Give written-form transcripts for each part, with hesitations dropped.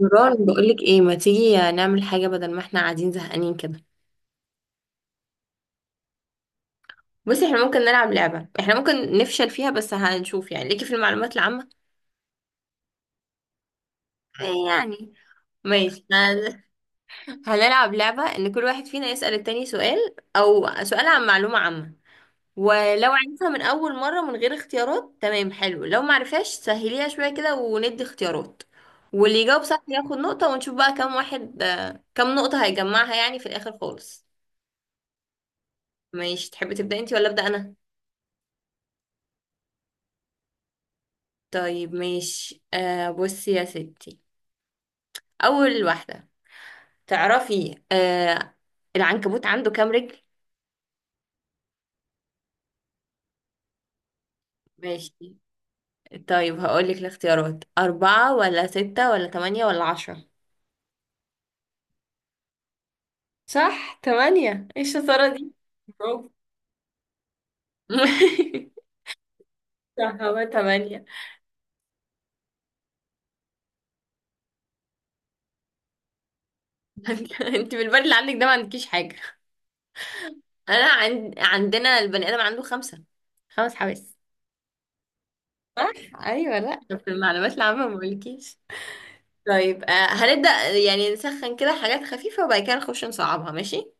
نوران، بقولك ايه ما تيجي نعمل حاجة بدل ما احنا قاعدين زهقانين كده. بصي، احنا ممكن نلعب لعبة احنا ممكن نفشل فيها بس هنشوف يعني ليكي في المعلومات العامة. إيه يعني؟ ماشي هنلعب لعبة ان كل واحد فينا يسأل التاني سؤال او سؤال عن معلومة عامة، ولو عرفها من اول مرة من غير اختيارات تمام حلو، لو معرفهاش سهليها شوية كده وندي اختيارات، واللي يجاوب صح ياخد نقطة، ونشوف بقى كم واحد كم نقطة هيجمعها يعني في الاخر خالص. ماشي، تحبي تبدأ انتي ولا أبدأ انا؟ طيب ماشي، بصي يا ستي، أول واحدة، تعرفي العنكبوت عنده كام رجل؟ ماشي، طيب هقولك الاختيارات: 4 ولا 6 ولا 8 ولا 10؟ صح، تمانية، ايه الشطارة دي؟ برافو صح، هو تمانية. انت بالبال اللي عندك ده ما عندكيش حاجة. أنا عندنا البني آدم عنده خمسة، 5 حواس. صح. أيوة لأ، طب في المعلومات العامة ما بقولكيش. طيب هنبدأ، يعني نسخن كده حاجات خفيفة وبعد كده نخش نصعبها، ماشي.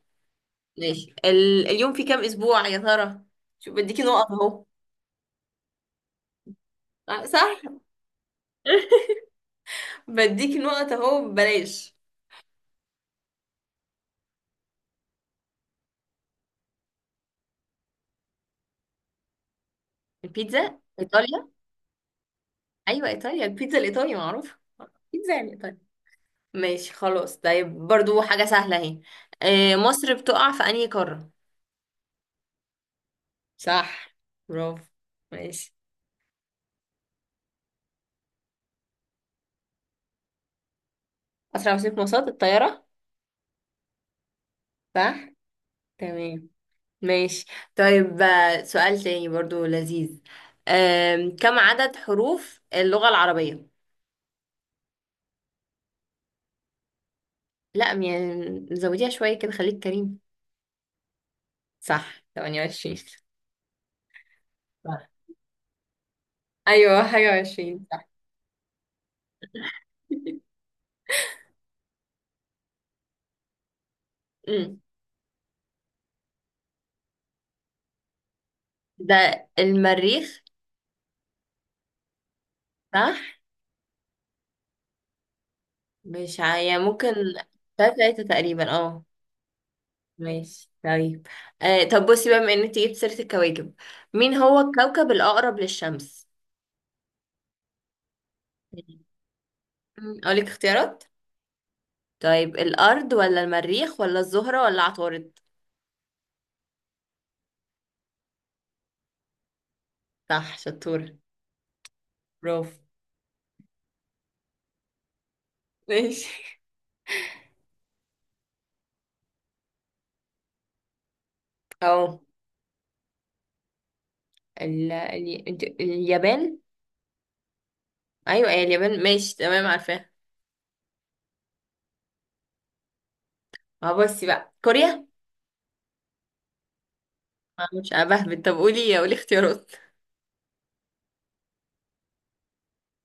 ماشي، ال- اليوم فيه كام أسبوع يا ترى؟ شوف بديكي نقط أهو. صح. بديكي نقط أهو ببلاش. البيتزا إيطاليا. أيوة، إيطاليا، البيتزا الإيطالي معروفة. بيتزا يعني إيطاليا. ماشي خلاص. طيب برضو حاجة سهلة أهي، مصر بتقع في أنهي قارة؟ صح، برافو، ماشي. أسرع وسيلة مواصلات الطيارة. صح، تمام. ماشي طيب، سؤال تاني برضو لذيذ، كم عدد حروف اللغة العربية؟ لا يعني زوديها شوية كده، خليك كريم. صح، 28. صح، أيوة، حاجة وعشرين، صح. مم. ده المريخ. صح، مش ع- يعني ممكن. تلاتة تقريبا، اه. ماشي طيب، آه طب بصي بقى، بما ان انت جبت سيرة الكواكب، مين هو الكوكب الأقرب للشمس؟ مم. أقولك اختيارات. طيب، الأرض ولا المريخ ولا الزهرة ولا عطارد؟ صح، شطور، برافو. ماشي. أو، اليابان. أيوة، أي اليابان، ماشي تمام، عارفاها. ما بصي بقى، كوريا. ما مش أنا بهبد، طب قولي، قولي اختيارات.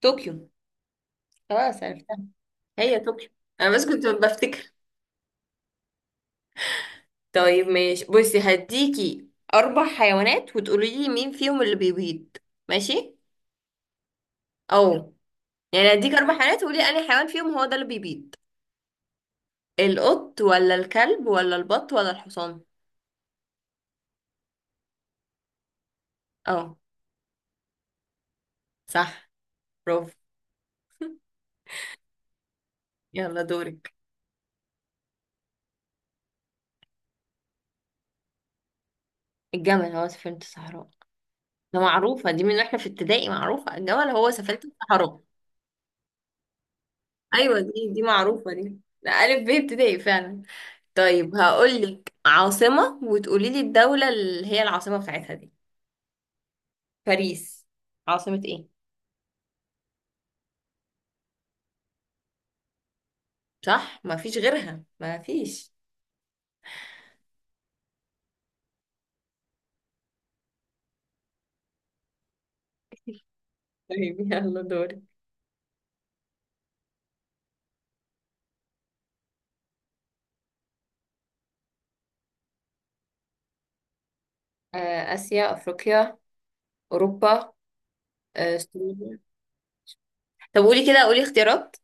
طوكيو، خلاص عرفتها، هي طوكيو، أنا بس كنت بفتكر. طيب ماشي، بصي هديكي 4 حيوانات وتقولي لي مين فيهم اللي بيبيض، ماشي. أو، يعني هديك 4 حيوانات وقولي أنهي حيوان فيهم هو ده اللي بيبيض. القط ولا الكلب ولا البط ولا الحصان؟ اه. صح، برافو. يلا دورك. الجمل هو سفينة الصحراء. ده معروفة، دي من واحنا في ابتدائي، معروفة، الجمل هو سفينة الصحراء. ايوه دي دي معروفة، ده ألف ب ابتدائي فعلا. طيب هقولك عاصمة وتقولي لي الدولة اللي هي العاصمة بتاعتها دي. باريس، عاصمة ايه؟ صح، ما فيش غيرها ما فيش. طيب يلا دورك. آسيا، أفريقيا، أوروبا، استراليا. طب قولي كده، قولي اختيارات.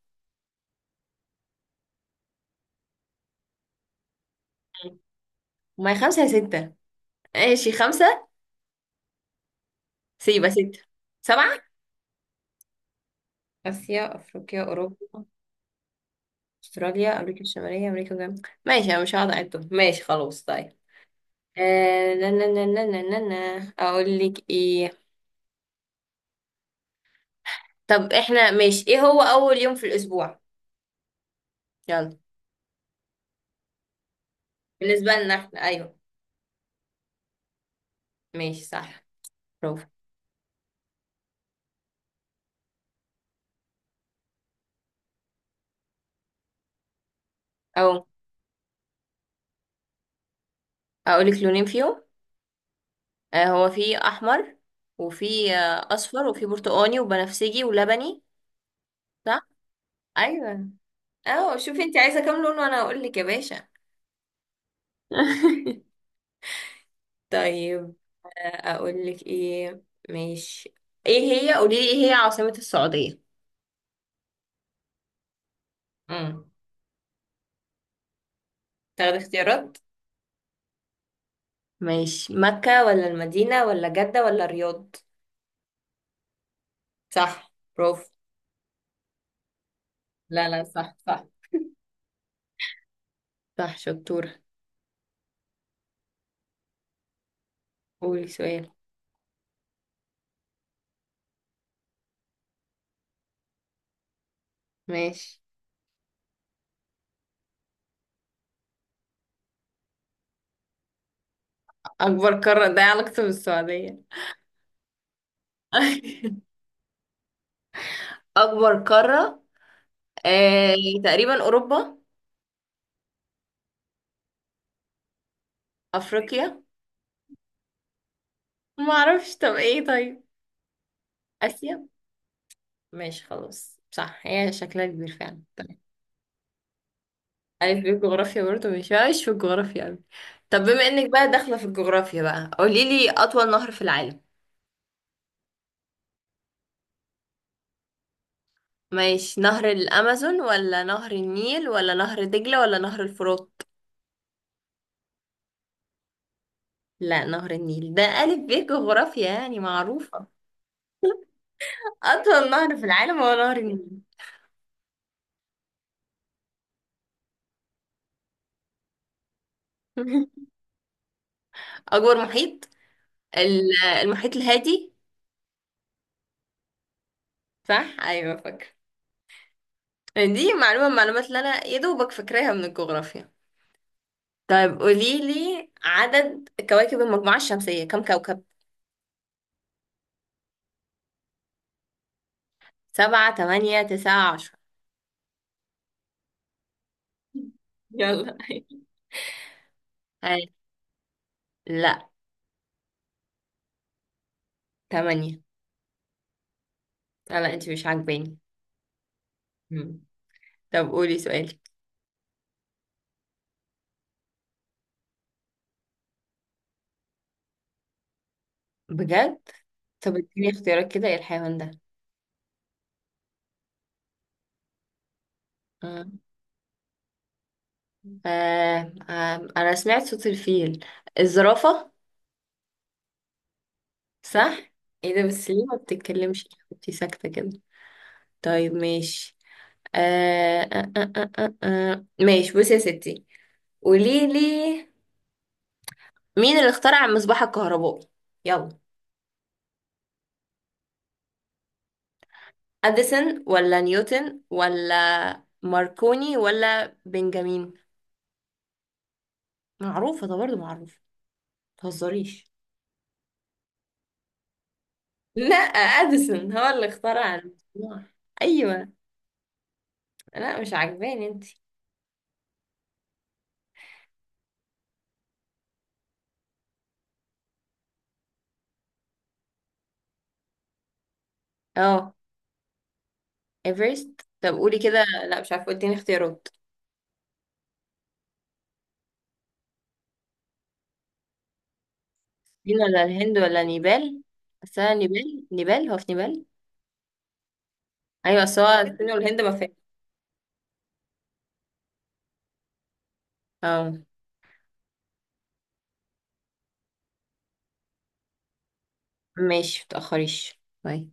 ما هي خمسة يا ستة. ماشي خمسة. سيبة ستة. سبعة. آسيا، أفريقيا، أوروبا، أستراليا، أمريكا الشمالية، أمريكا الجنوبية، ماشي، أنا مش هقعد أعدهم، ماشي خلاص طيب. آه لا، لا، لا، لا، لا، لا. لا. أقول لك إيه، طب إحنا ماشي، إيه هو أول يوم في الأسبوع؟ يلا. بالنسبة لنا إحنا، أيوه. ماشي، صح، برافو. أو، أقول لك لونين فيهم، هو في أحمر، وفي أصفر، وفي برتقاني وبنفسجي ولبني. صح؟ أيوه. اه شوفي، انت عايزة كام لون وانا اقول لك يا باشا. طيب، اقول لك ايه، ماشي. ايه هي، قولي لي ايه هي عاصمة السعودية؟ امم تاخدي اختيارات. ماشي، مكة ولا المدينة ولا جدة ولا الرياض؟ صح، برافو. لا لا، صح صح. صح، شطورة. قولي سؤال. ماشي. أكبر قارة ده إيه علاقته بالسعودية؟ أكبر قارة، آه تقريبا أوروبا. أفريقيا. ما أعرفش، طب إيه طيب؟ آسيا. ماشي خلاص، صح، هي شكلها كبير فعلا، تمام. ألف ب جغرافيا برضه، مش في الجغرافيا أوي. طب بما إنك بقى داخلة في الجغرافيا بقى، قوليلي أطول نهر في العالم. ماشي، نهر الأمازون ولا نهر النيل ولا نهر دجلة ولا نهر الفرات؟ لا، نهر النيل، ده ألف ب جغرافيا يعني، معروفة. أطول نهر في العالم هو نهر النيل. أكبر محيط، المحيط الهادي. صح أيوة، فاكرة. دي معلومة من المعلومات اللي أنا يا دوبك فاكراها من الجغرافيا. طيب قولي لي عدد كواكب المجموعة الشمسية كم كوكب؟ 7 8 9 10 يلا. هاي. لا، تمانية. لا لا، انت مش عاجباني. مم. طب قولي سؤالك. بجد؟ طب اديني اختيارات كده، ايه الحيوان ده؟ آه. آه. آه. انا سمعت صوت الفيل. الزرافة. صح؟ ايه ده، بس ليه ما بتتكلمش، انت ساكتة كده. طيب ماشي. آه. آه. آه. آه. آه. آه. ماشي بصي يا ستي، قولي لي مين اللي اخترع المصباح الكهربائي؟ يلا. اديسون ولا نيوتن ولا ماركوني ولا بنجامين؟ معروفه ده برضه، معروفه، متهزريش. لا، اديسون هو اللي اخترع المصباح. ايوه. لا، مش عاجباني انت. اه، ايفرست، طب قولي كده. لا مش عارفه، اديني اختيارات. الصين ولا الهند ولا نيبال؟ بس أنا نيبال، نيبال، هو في نيبال. ايوه بس هو الصين والهند ما فيها. اه. ماشي، متأخريش، باي.